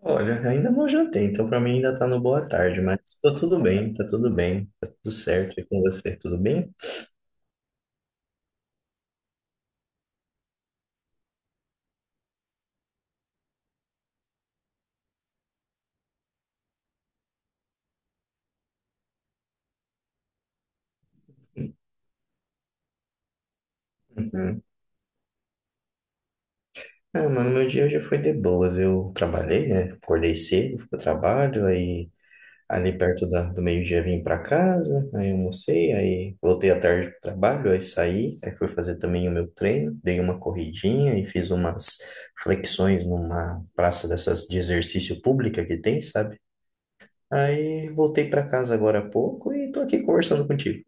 Olha, ainda não jantei, então pra mim ainda tá no boa tarde, mas tô tudo bem, tá tudo bem, tá tudo certo e com você, tudo bem? Uhum. Ah, mano, meu dia já foi de boas, eu trabalhei, né, acordei cedo, fui pro trabalho, aí ali perto do meio-dia vim pra casa, aí almocei, aí voltei à tarde pro trabalho, aí saí, aí fui fazer também o meu treino, dei uma corridinha e fiz umas flexões numa praça dessas de exercício pública que tem, sabe? Aí voltei para casa agora há pouco e tô aqui conversando contigo.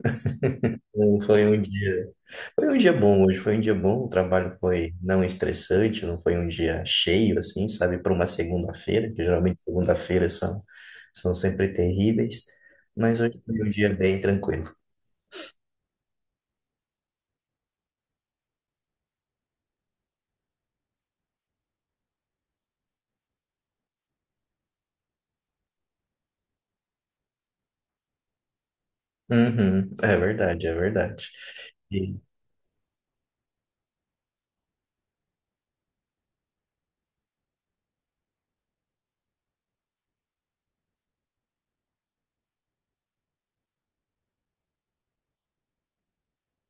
Não, foi um dia bom hoje, foi um dia bom, o trabalho foi não estressante, não foi um dia cheio assim, sabe, para uma segunda-feira, que geralmente segunda-feiras são sempre terríveis, mas hoje foi um dia bem tranquilo. Uhum, é verdade, é verdade. E,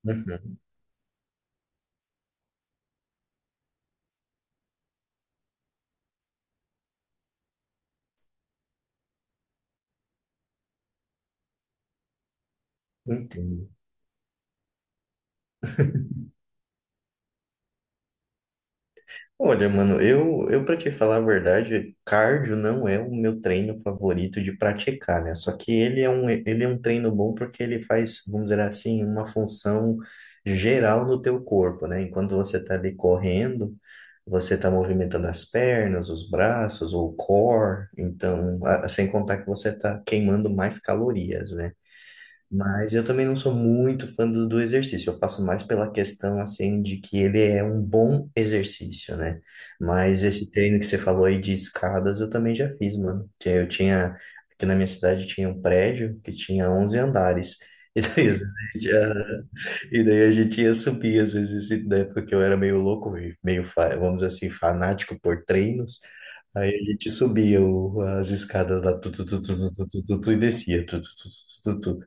uhum, entendo. Olha, mano, eu para te falar a verdade, cardio não é o meu treino favorito de praticar, né? Só que ele é um treino bom porque ele faz, vamos dizer assim, uma função geral no teu corpo, né? Enquanto você tá ali correndo, você tá movimentando as pernas, os braços, o core, então, sem contar que você tá queimando mais calorias, né? Mas eu também não sou muito fã do exercício. Eu faço mais pela questão, assim, de que ele é um bom exercício, né? Mas esse treino que você falou aí de escadas, eu também já fiz, mano. Aqui na minha cidade tinha um prédio que tinha 11 andares. E daí, às vezes, e daí a gente ia subir, às vezes, e na época que eu era meio louco, e meio, vamos dizer assim, fanático por treinos. Aí a gente subia as escadas lá, tu, tu, tu, tu, tu, tu, tu, tu, tu, e descia, tu, tu, tu, tu, tu, tu.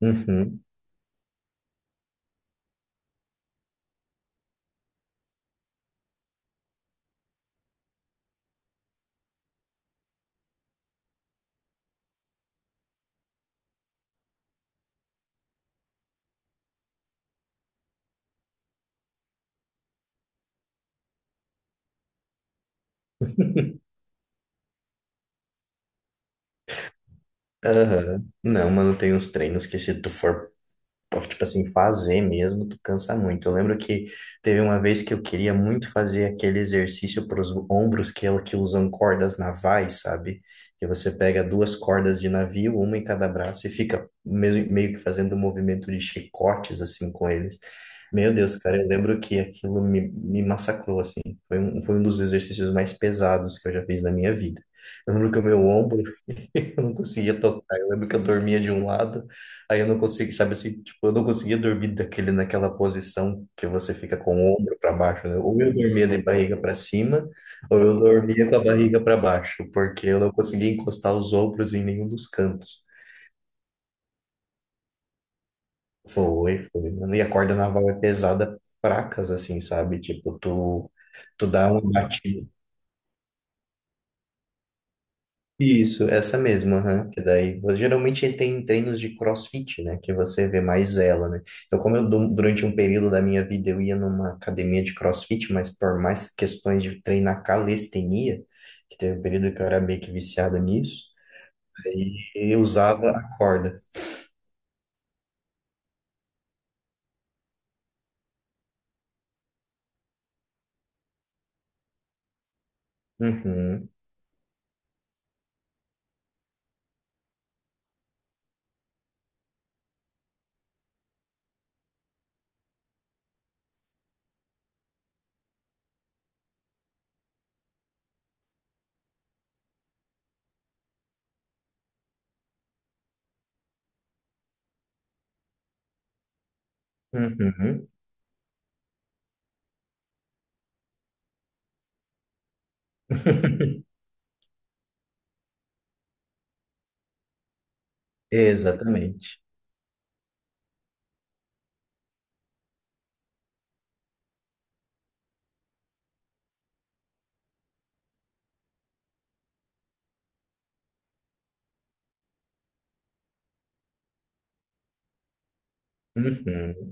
Uhum. Aham. Não, mano, tem uns treinos que se tu for, tipo assim, fazer mesmo, tu cansa muito. Eu lembro que teve uma vez que eu queria muito fazer aquele exercício para os ombros que, que usam cordas navais, sabe? Que você pega duas cordas de navio, uma em cada braço, e fica mesmo, meio que fazendo um movimento de chicotes, assim, com eles. Meu Deus, cara, eu lembro que aquilo me massacrou, assim. Foi um dos exercícios mais pesados que eu já fiz na minha vida. Eu lembro que o meu ombro eu não conseguia tocar. Eu lembro que eu dormia de um lado, aí eu não conseguia, sabe assim, tipo, eu não conseguia dormir daquele, naquela posição que você fica com o ombro para baixo, né? Ou eu dormia de barriga para cima, ou eu dormia com a barriga para baixo, porque eu não conseguia encostar os ombros em nenhum dos cantos. Foi, foi, mano. E a corda naval é pesada, pra casa assim, sabe? Tipo, tu dá uma batida. Isso, essa mesma, aham. Que daí, geralmente tem treinos de CrossFit, né? Que você vê mais ela, né? Então, como eu, durante um período da minha vida eu ia numa academia de CrossFit, mas por mais questões de treinar calistenia, que teve um período que eu era meio que viciado nisso, aí eu usava a corda. Uhum, uhum. Exatamente. Uhum.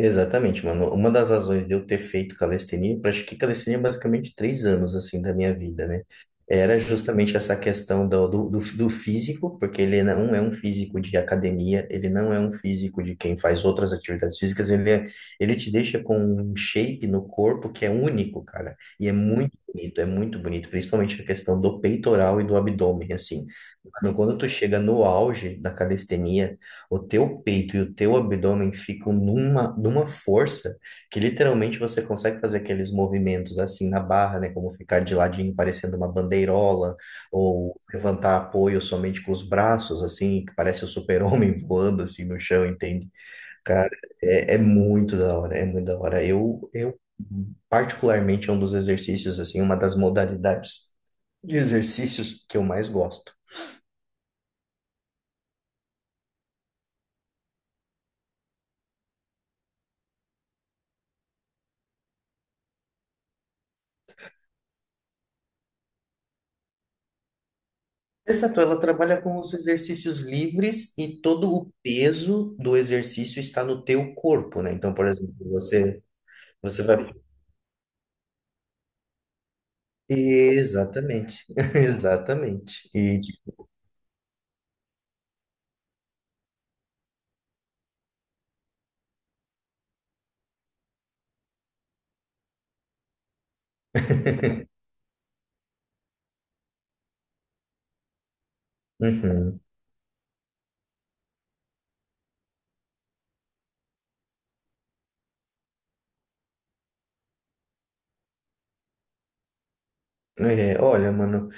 Exatamente, mano. Uma das razões de eu ter feito calistenia, eu pratiquei calistenia basicamente 3 anos, assim, da minha vida, né? Era justamente essa questão do físico, porque ele não é um físico de academia, ele não é um físico de quem faz outras atividades físicas, ele te deixa com um shape no corpo que é único, cara. E é muito bonito, principalmente a questão do peitoral e do abdômen, assim. Mano, quando tu chega no auge da calistenia, o teu peito e o teu abdômen ficam numa força que literalmente você consegue fazer aqueles movimentos assim na barra, né? Como ficar de ladinho parecendo uma bandeirola, ou levantar apoio somente com os braços, assim, que parece o super-homem voando assim no chão, entende? Cara, é muito da hora, é muito da hora. Eu, particularmente, é um dos exercícios, assim, uma das modalidades de exercícios que eu mais gosto. Exato, ela trabalha com os exercícios livres e todo o peso do exercício está no teu corpo, né? Então, por exemplo, você vai. Exatamente, exatamente. E, tipo, Uhum. É, olha, mano,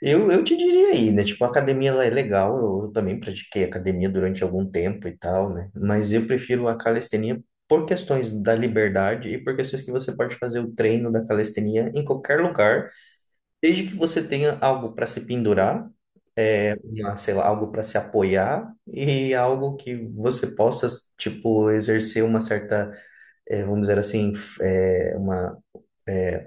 eu te diria aí, né? Tipo, a academia ela é legal, eu também pratiquei academia durante algum tempo e tal, né? Mas eu prefiro a calistenia por questões da liberdade e por questões que você pode fazer o treino da calistenia em qualquer lugar. Desde que você tenha algo para se pendurar, uma, sei lá, algo para se apoiar e algo que você possa, tipo, exercer uma certa, vamos dizer assim, uma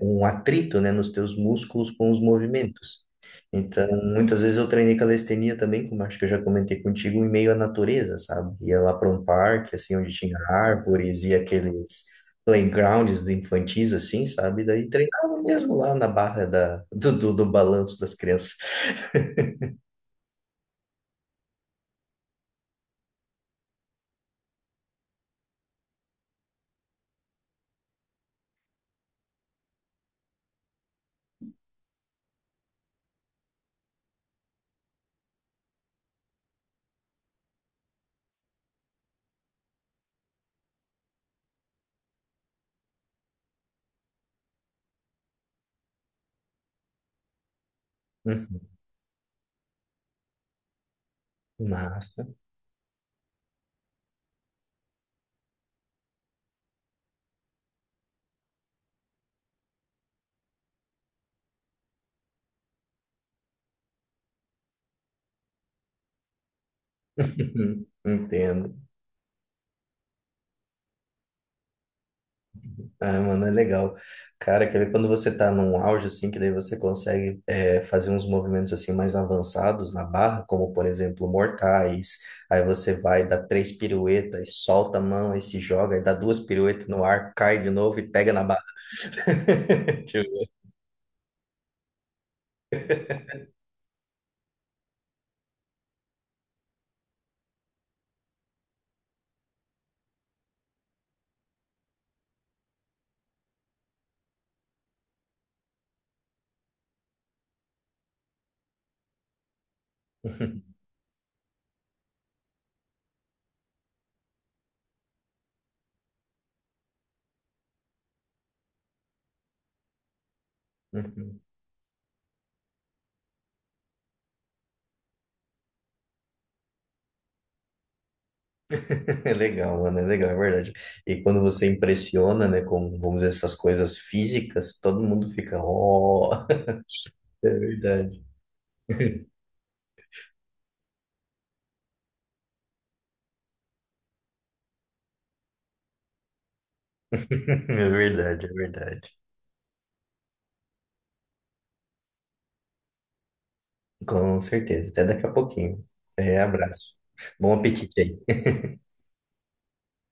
um atrito, né, nos teus músculos com os movimentos. Então, muitas vezes eu treinei calistenia também, como acho que eu já comentei contigo, em meio à natureza, sabe? Ia lá para um parque, assim, onde tinha árvores e aqueles playgrounds infantis, assim, sabe? Daí treinava mesmo lá na barra do balanço das crianças. Uhum. Massa. Entendo. Ah, mano, é legal. Cara, quer ver quando você tá num auge, assim, que daí você consegue fazer uns movimentos, assim, mais avançados na barra, como, por exemplo, mortais. Aí você vai, dá três piruetas, solta a mão, aí se joga, aí dá duas piruetas no ar, cai de novo e pega na barra. Tipo, Uhum. É legal, mano, é legal, é verdade. E quando você impressiona, né, com, vamos dizer, essas coisas físicas, todo mundo fica, oh, é verdade. É verdade, é verdade. Com certeza. Até daqui a pouquinho. É, abraço. Bom apetite aí.